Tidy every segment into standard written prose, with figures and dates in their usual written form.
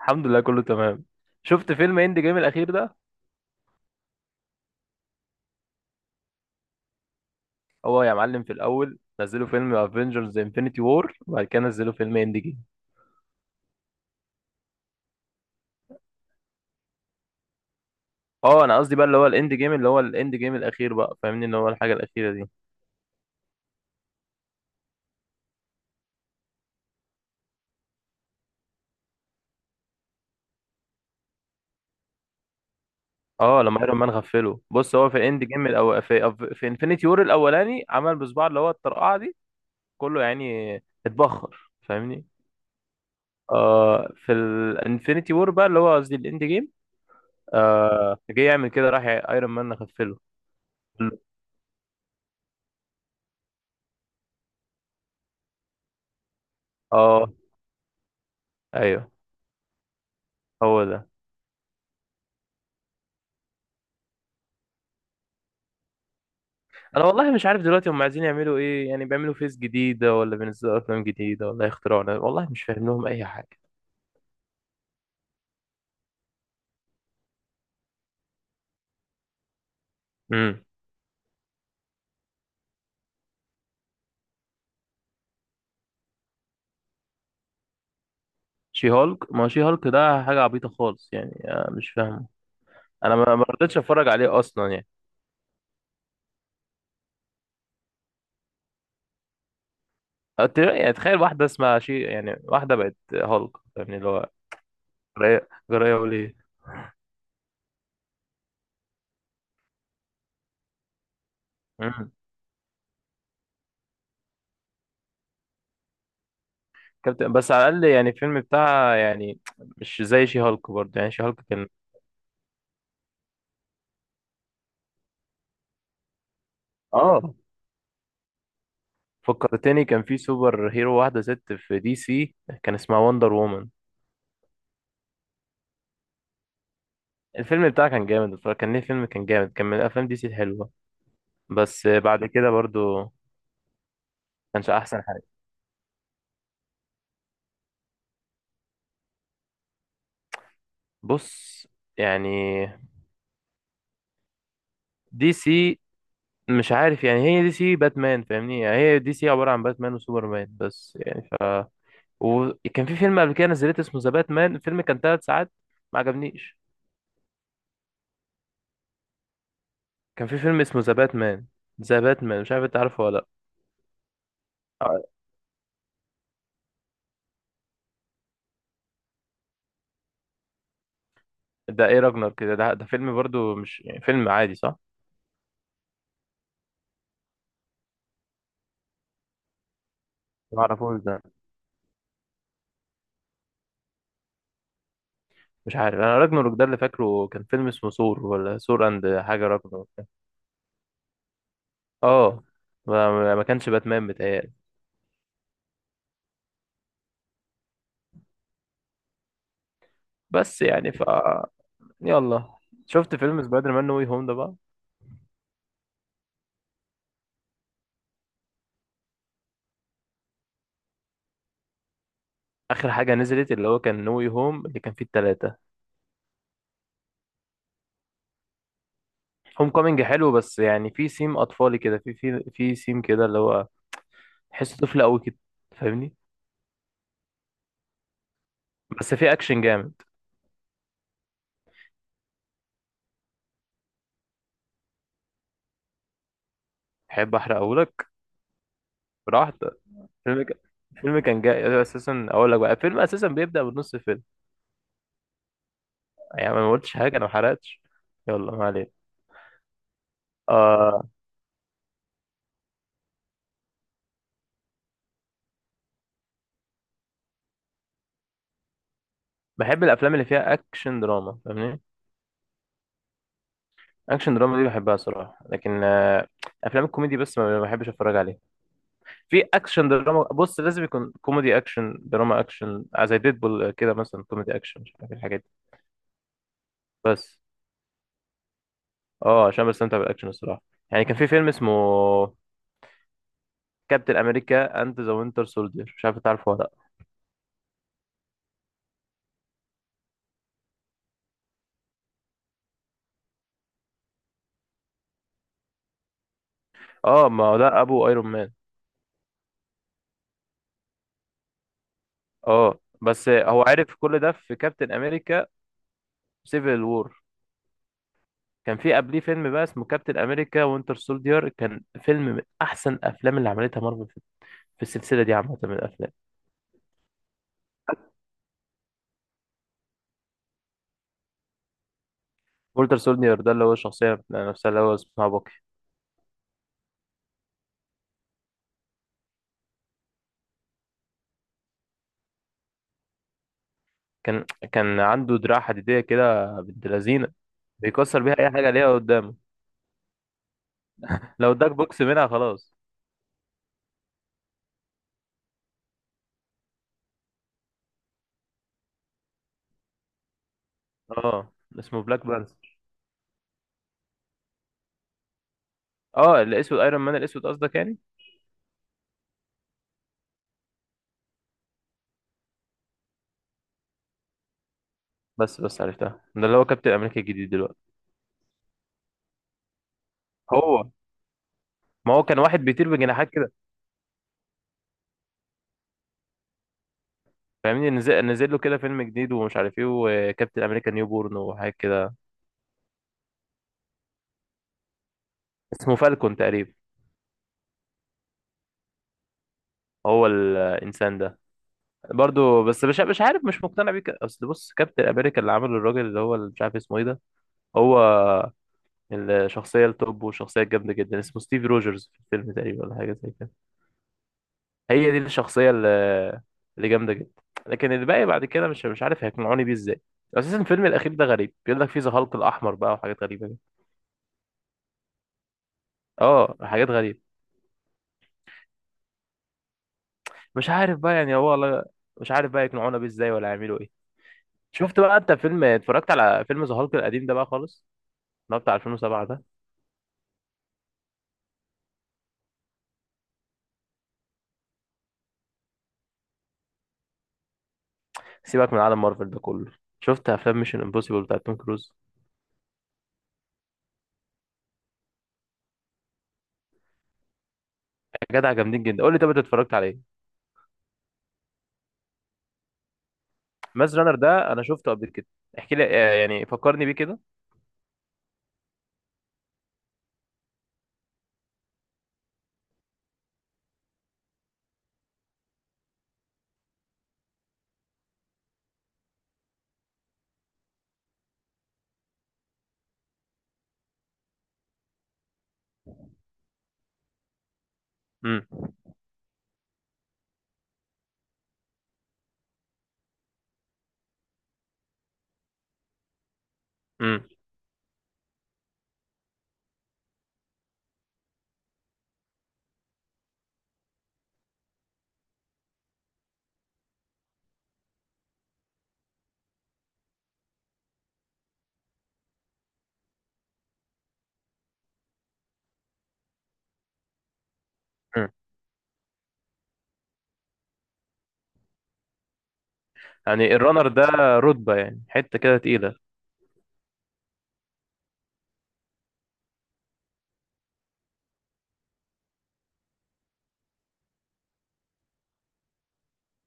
الحمد لله، كله تمام. شفت فيلم اند جيم الاخير ده؟ هو يا معلم، في الاول نزلوا فيلم افنجرز انفنتي وور، وبعد كده نزلوا فيلم اند جيم. اه، انا قصدي بقى اللي هو الاند جيم الاخير بقى، فاهمني؟ اللي هو الحاجه الاخيره دي. اه لما ايرون مان غفله، بص، هو في اند جيم الأو... في أف- في انفنتي وور الاولاني عمل بصباعه اللي هو الطرقعه دي. كله يعني اتبخر، فاهمني. في الانفنتي وور بقى، اللي هو قصدي الاند جيم. جه يعمل كده راح ايرون مان غفله. اه، ايوه، هو ده. انا والله مش عارف دلوقتي هم عايزين يعملوا ايه، يعني بيعملوا فيس جديده، ولا بينزلوا افلام جديده، ولا يخترعوا. أنا والله مش فاهم لهم اي حاجه. امم. شي هولك، ما هو شي هولك ده حاجه عبيطه خالص، يعني مش فاهمه. انا ما رضيتش اتفرج عليه اصلا يعني. يعني تخيل واحده اسمها شي، يعني واحده بقت هولك. يعني اللي هو جرايه جرايه وليه. امم. كابتن بس على الاقل يعني الفيلم بتاعها يعني مش زي شي هولك، برضه يعني شي هولك كان. اه، فكرتني، كان في سوبر هيرو واحده ست في دي سي، كان اسمها وندر وومن. الفيلم بتاعه كان جامد بصراحة، كان ليه فيلم، كان جامد، كان من أفلام دي سي الحلوة. بس بعد كده برضو كانش أحسن حاجة. بص يعني، دي سي مش عارف، يعني هي دي سي باتمان، فاهمني؟ يعني هي دي سي عبارة عن باتمان وسوبرمان بس يعني. وكان في فيلم قبل كده نزلت اسمه ذا باتمان، الفيلم كان 3 ساعات، ما عجبنيش. كان في فيلم اسمه ذا باتمان. ذا باتمان، مش عارف انت عارفه ولا؟ لا، ده ايه راجنر كده، ده فيلم برضو مش يعني فيلم عادي، صح؟ ما اعرفوش ده. مش عارف، انا راجناروك ده اللي فاكره كان فيلم اسمه ثور، ولا ثور اند حاجه راجناروك. اه ما كانش باتمان، بتهيألي. بس يعني يلا، شفت فيلم سبايدر مان نو واي هوم ده بقى؟ اخر حاجه نزلت اللي هو كان نو واي هوم، اللي كان فيه التلاتة. هوم كومينج حلو، بس يعني في سيم اطفالي كده، في سيم كده، اللي هو تحسه طفل قوي كده، فاهمني؟ بس في اكشن جامد. احب احرقهولك؟ براحتك. الفيلم كان الفيلم كان جاي اساسا، اقول لك بقى، الفيلم اساسا بيبدأ بنص الفيلم. يعني أنا ما قلتش حاجة، أنا ما حرقتش. يلا، ما علينا. آه بحب الأفلام اللي فيها أكشن دراما، فاهمني؟ أكشن دراما دي بحبها صراحة، لكن أفلام الكوميدي بس ما بحبش أتفرج عليها. في أكشن دراما، بص، لازم يكون كوميدي أكشن دراما أكشن، زي ديدبول كده مثلا، كوميدي أكشن، مش عارف الحاجات دي. بس عشان بستمتع بالأكشن الصراحة. يعني كان في فيلم اسمه كابتن أمريكا أند ذا وينتر سولدير، مش عارف تعرفه ولا لأ. أه، ما هو ده أبو أيرون مان. أه، بس هو عرف كل ده في كابتن أمريكا سيفل وور. كان في قبليه فيلم بقى اسمه كابتن امريكا وينتر سولدير، كان فيلم من احسن افلام اللي عملتها مارفل في السلسله دي عامه من الافلام. وينتر سولدير ده اللي هو الشخصيه نفسها، اللي هو اسمها باكي. كان كان عنده دراع حديديه كده، بنت لذينه، بيكسر بيها اي حاجه ليها قدامه. لو اداك بوكس منها خلاص. اه، اسمه بلاك بانثر. اه، الاسود ايرون مان الاسود قصدك يعني؟ بس عرفتها، ده اللي هو كابتن امريكا الجديد دلوقتي. هو، ما هو كان واحد بيطير بجناحات كده، فاهمني؟ نزل له كده فيلم جديد، ومش عارف ايه، وكابتن امريكا نيو بورن، وحاجات كده. اسمه فالكون تقريبا. هو الانسان ده برضو، بس مش عارف، مش مقتنع بيه. اصل بص، كابتن امريكا اللي عمله الراجل، اللي هو اللي مش عارف اسمه ايه ده، هو الشخصيه التوب، والشخصيه الجامده جدا، اسمه ستيف روجرز في الفيلم تقريبا، ولا حاجه زي كده. هي دي الشخصيه اللي جامده جدا. لكن الباقي بعد كده مش عارف هيقنعوني بيه ازاي. اساسا الفيلم الاخير ده غريب، بيقول لك فيه ذا هالك الاحمر بقى، وحاجات غريبه كده. اه، حاجات غريبه. مش عارف بقى، يعني هو والله مش عارف بقى يقنعونا بيه ازاي، ولا يعملوا ايه. شفت بقى انت فيلم، اتفرجت على فيلم ذا هالك القديم ده بقى خالص، اللي هو بتاع 2007 ده؟ سيبك من عالم مارفل ده كله. شفت افلام ميشن امبوسيبل بتاع توم كروز؟ يا جدع جامدين جدا. قول لي، طب انت اتفرجت على ايه؟ ماز رانر ده انا شفته قبل كده. احكي لي، يعني فكرني بيه كده. امم. امم. امم. يعني الرانر ده رتبة، يعني حتة كده تقيلة؟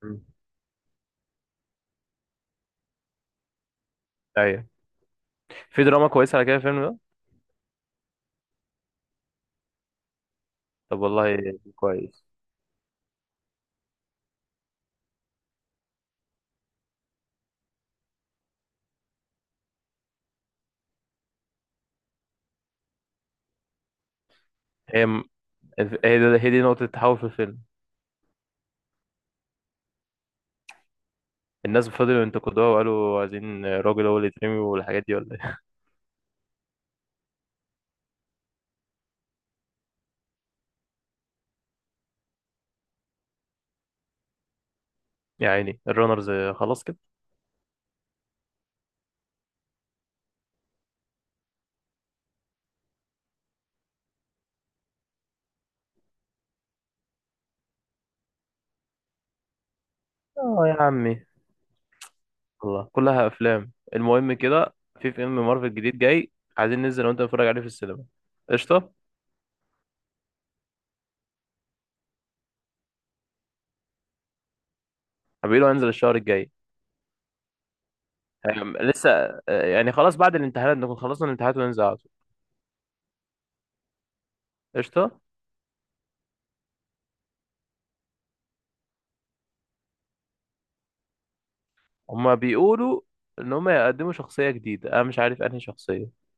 مم. ايوه، في دراما كويسة على كده الفيلم ده. طب والله كويس. هي هي دي نقطة التحول في الفيلم. الناس فضلوا ينتقدوها، وقالوا عايزين راجل هو اللي يترمي، والحاجات دي ولا ايه. يا عيني الرانرز، خلاص كده. اه يا عمي. والله كلها افلام. المهم كده، في فيلم مارفل جديد جاي، عايزين ننزل وانت نتفرج عليه في السينما. قشطه؟ حبيبي لو هنزل الشهر الجاي. لسه، يعني خلاص بعد الامتحانات، نكون خلصنا الامتحانات وننزل على طول. قشطه. هما بيقولوا ان هما يقدموا شخصيه جديده، انا مش عارف انهي شخصيه.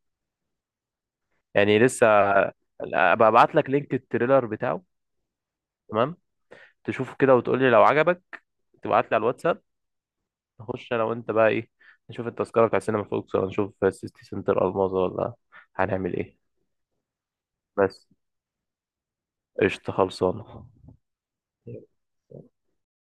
يعني لسه ابقى ابعت لك لينك التريلر بتاعه، تمام؟ تشوفه كده وتقولي لو عجبك، تبعت لي على الواتساب. نخش انا وانت بقى ايه؟ نشوف التذكرة بتاع سينما فوكس، ولا نشوف سيتي سنتر الماظة، ولا هنعمل ايه؟ بس. قشطة خلصانة.